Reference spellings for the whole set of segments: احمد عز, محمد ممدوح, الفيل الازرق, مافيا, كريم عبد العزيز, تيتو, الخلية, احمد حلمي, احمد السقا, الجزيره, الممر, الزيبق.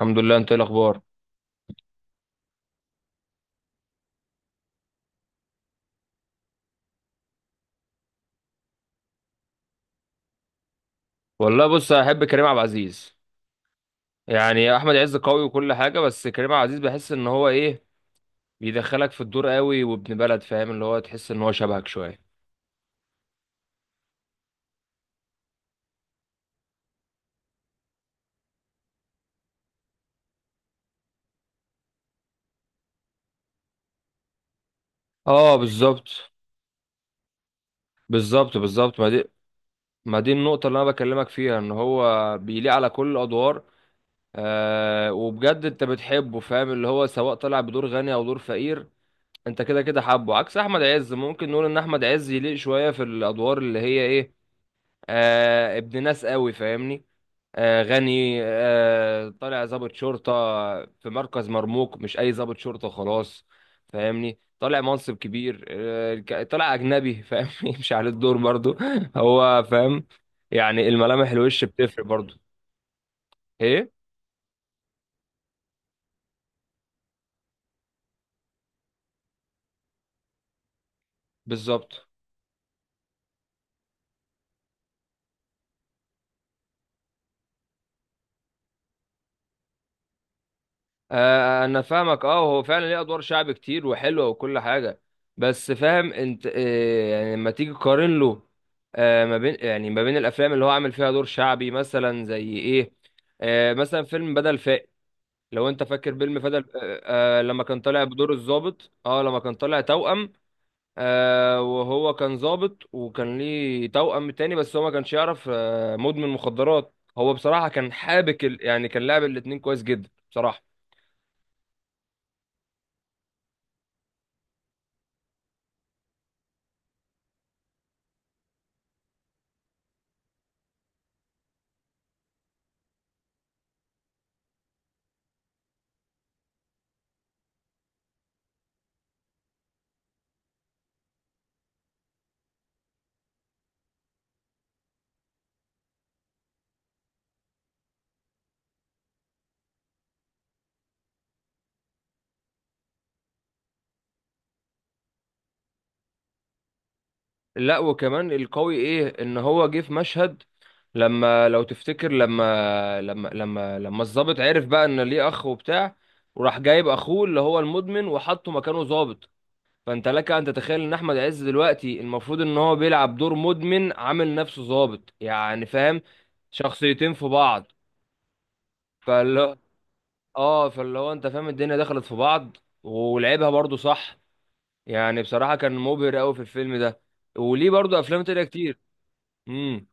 الحمد لله، انت ايه الاخبار؟ والله، بص، احب كريم عبد العزيز. يعني احمد عز قوي وكل حاجه، بس كريم عبد العزيز بحس ان هو ايه، بيدخلك في الدور قوي، وابن بلد فاهم اللي هو تحس ان هو شبهك شويه. اه، بالظبط بالظبط بالظبط. ما دي النقطه اللي انا بكلمك فيها ان هو بيليق على كل الادوار. وبجد انت بتحبه، فاهم اللي هو سواء طلع بدور غني او دور فقير انت كده كده حابه. عكس احمد عز، ممكن نقول ان احمد عز يليق شويه في الادوار اللي هي ايه، ابن ناس قوي، فاهمني. غني، طالع ضابط شرطة في مركز مرموق، مش أي ضابط شرطة خلاص. فاهمني، طالع منصب كبير، طالع أجنبي. فاهمني مش على الدور برضو هو فاهم. يعني الملامح، الوش بتفرق برضو. إيه بالظبط. انا فاهمك. اه، هو فعلا ليه ادوار شعب كتير وحلوه وكل حاجه، بس فاهم انت، يعني لما تيجي تقارن له، ما بين يعني ما بين الافلام اللي هو عامل فيها دور شعبي مثلا زي ايه. مثلا فيلم بدل فاقد، لو انت فاكر فيلم بدل. لما كان طالع بدور الضابط، اه لما كان طالع توأم. وهو كان ضابط وكان ليه توأم تاني، بس هو ما كانش يعرف. مدمن مخدرات، هو بصراحه كان حابك يعني كان لعب الاتنين كويس جدا بصراحه. لا، وكمان القوي ايه ان هو جه في مشهد. لما، لو تفتكر، لما الضابط عرف بقى ان ليه اخ وبتاع، وراح جايب اخوه اللي هو المدمن وحطه مكانه ضابط. فانت لك ان تتخيل ان احمد عز دلوقتي المفروض ان هو بيلعب دور مدمن عامل نفسه ضابط، يعني فاهم، شخصيتين في بعض. فاللي اه فاللي هو انت فاهم الدنيا دخلت في بعض، ولعبها برضو صح. يعني بصراحة كان مبهر قوي في الفيلم ده، وليه برضو افلام تانية كتير. امم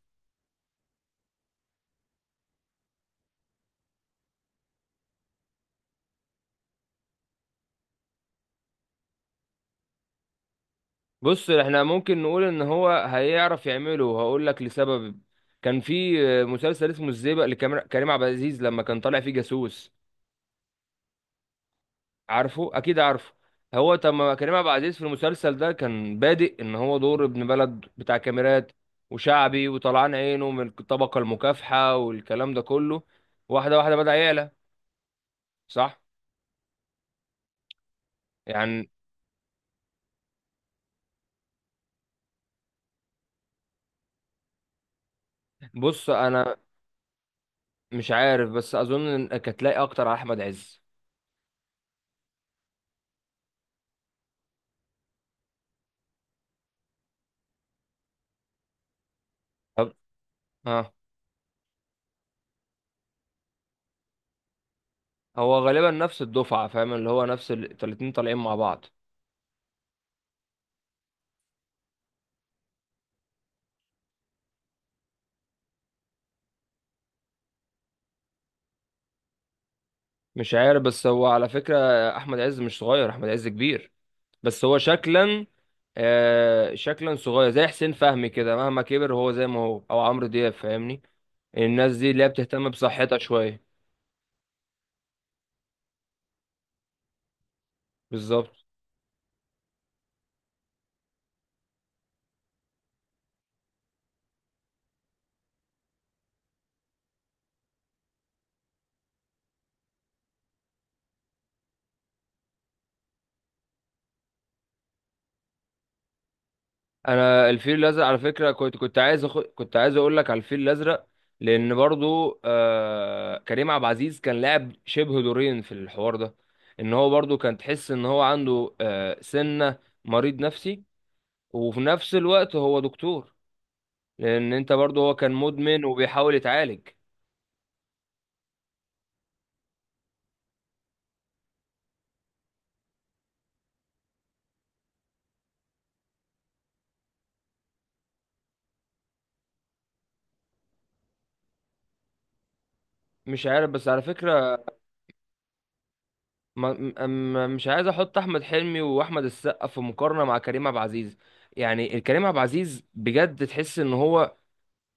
بص، احنا ممكن نقول ان هو هيعرف يعمله. هقول لك لسبب، كان في مسلسل اسمه الزيبق لكريم عبد العزيز، لما كان طالع فيه جاسوس. عارفه، اكيد عارفه. هو تم كريم عبد العزيز في المسلسل ده كان بادئ ان هو دور ابن بلد بتاع كاميرات وشعبي، وطلعان عينه من الطبقة المكافحة والكلام ده كله. واحدة واحدة بدأ يعلى، صح. يعني بص انا مش عارف، بس اظن انك هتلاقي اكتر على احمد عز. طب، اه، هو غالبا نفس الدفعة، فاهم اللي هو نفس الاتنين طالعين مع بعض. مش عارف، بس هو على فكرة أحمد عز مش صغير، أحمد عز كبير، بس هو شكلا. آه، شكلا صغير، زي حسين فهمي كده مهما كبر هو زي ما هو، أو عمرو دياب، فاهمني. الناس دي اللي هي بتهتم بصحتها شوية. بالظبط. انا الفيل الازرق على فكره، كنت عايز كنت عايز اقول لك على الفيل الازرق. لان برضو كريم عبد العزيز كان لاعب شبه دورين في الحوار ده، ان هو برضو كان تحس ان هو عنده سنه، مريض نفسي، وفي نفس الوقت هو دكتور. لان انت برضو، هو كان مدمن وبيحاول يتعالج. مش عارف، بس على فكره، ما... م... م- مش عايز احط احمد حلمي واحمد السقا في مقارنه مع كريم عبد العزيز. يعني كريم عبد العزيز بجد تحس ان هو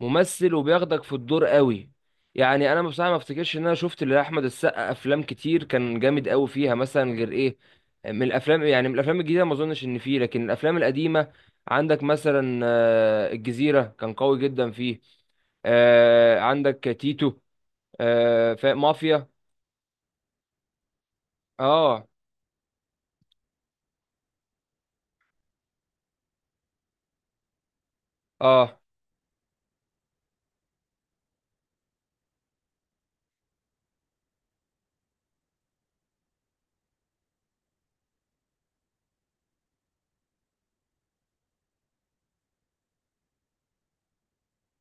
ممثل وبياخدك في الدور قوي. يعني انا بصراحه ما افتكرش ان انا شفت لاحمد السقا افلام كتير كان جامد قوي فيها مثلا، غير ايه من الافلام. يعني من الافلام الجديده ما اظنش ان فيه، لكن الافلام القديمه عندك مثلا الجزيره، كان قوي جدا فيه. عندك تيتو. مافيا. اه اه،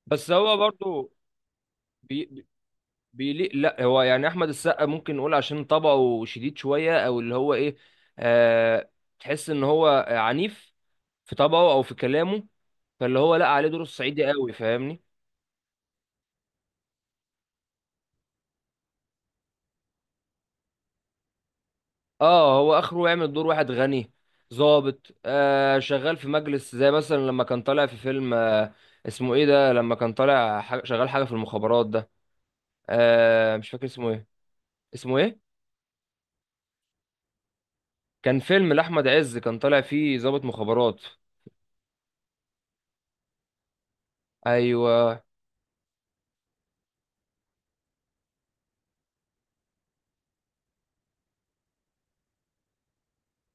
بس هو برضو بيليق. لا، هو يعني احمد السقا ممكن نقول عشان طبعه شديد شويه، او اللي هو ايه، آه تحس ان هو عنيف في طبعه او في كلامه. فاللي هو لا عليه دور الصعيدي قوي، فاهمني. اه، هو اخره يعمل دور واحد غني، ظابط شغال في مجلس، زي مثلا لما كان طالع في فيلم اسمه ايه ده. لما كان طالع حاجة شغال حاجه في المخابرات ده، مش فاكر اسمه ايه، اسمه ايه. كان فيلم لاحمد عز كان طالع فيه ظابط مخابرات. ايوه.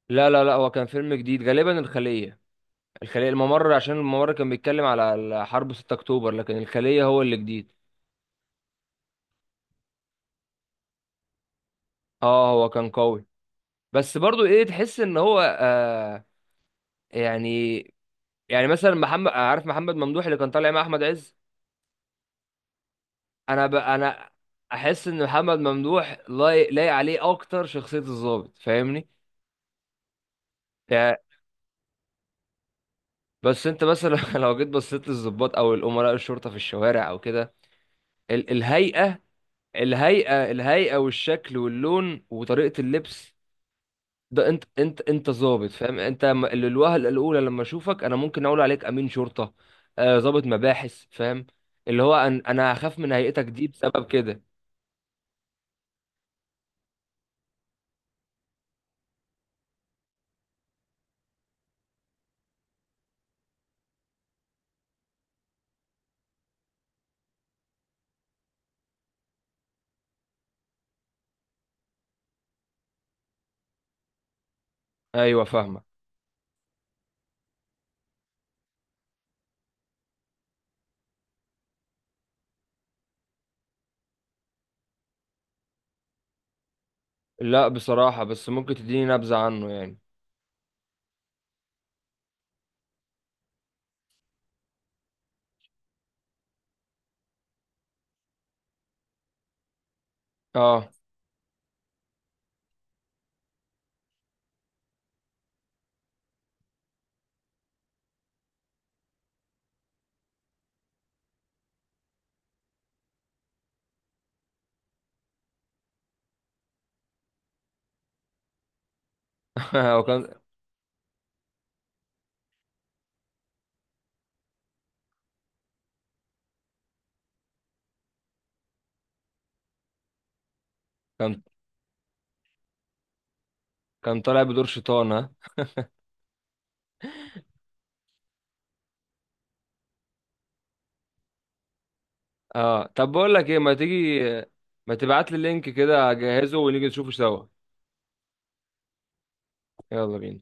لا لا لا، هو كان فيلم جديد غالبا، الخلية. الخلية، الممر عشان الممر كان بيتكلم على حرب 6 اكتوبر، لكن الخلية هو اللي جديد. اه، هو كان قوي، بس برضو ايه تحس ان هو يعني، يعني مثلا محمد عارف، محمد ممدوح اللي كان طالع مع احمد عز. انا احس ان محمد ممدوح لايق، لايق عليه اكتر شخصية الضابط، فاهمني يعني. بس انت مثلا لو جيت بصيت للضباط او الامراء الشرطة في الشوارع او كده، الهيئة، الهيئة الهيئة والشكل واللون وطريقة اللبس. ده انت انت انت ظابط. فاهم انت، الوهلة الأولى لما اشوفك انا ممكن اقول عليك امين شرطة، ظابط مباحث. فاهم اللي هو أن انا هخاف من هيئتك دي بسبب كده. ايوه فاهمة. لا بصراحة، بس ممكن تديني نبذة عنه يعني. اه هو كان، كان كان طالع بدور شيطان، ها. اه، طب بقول لك ايه، ما تيجي ما تبعت لي اللينك كده اجهزه ونيجي نشوفه سوا. يلا بينا.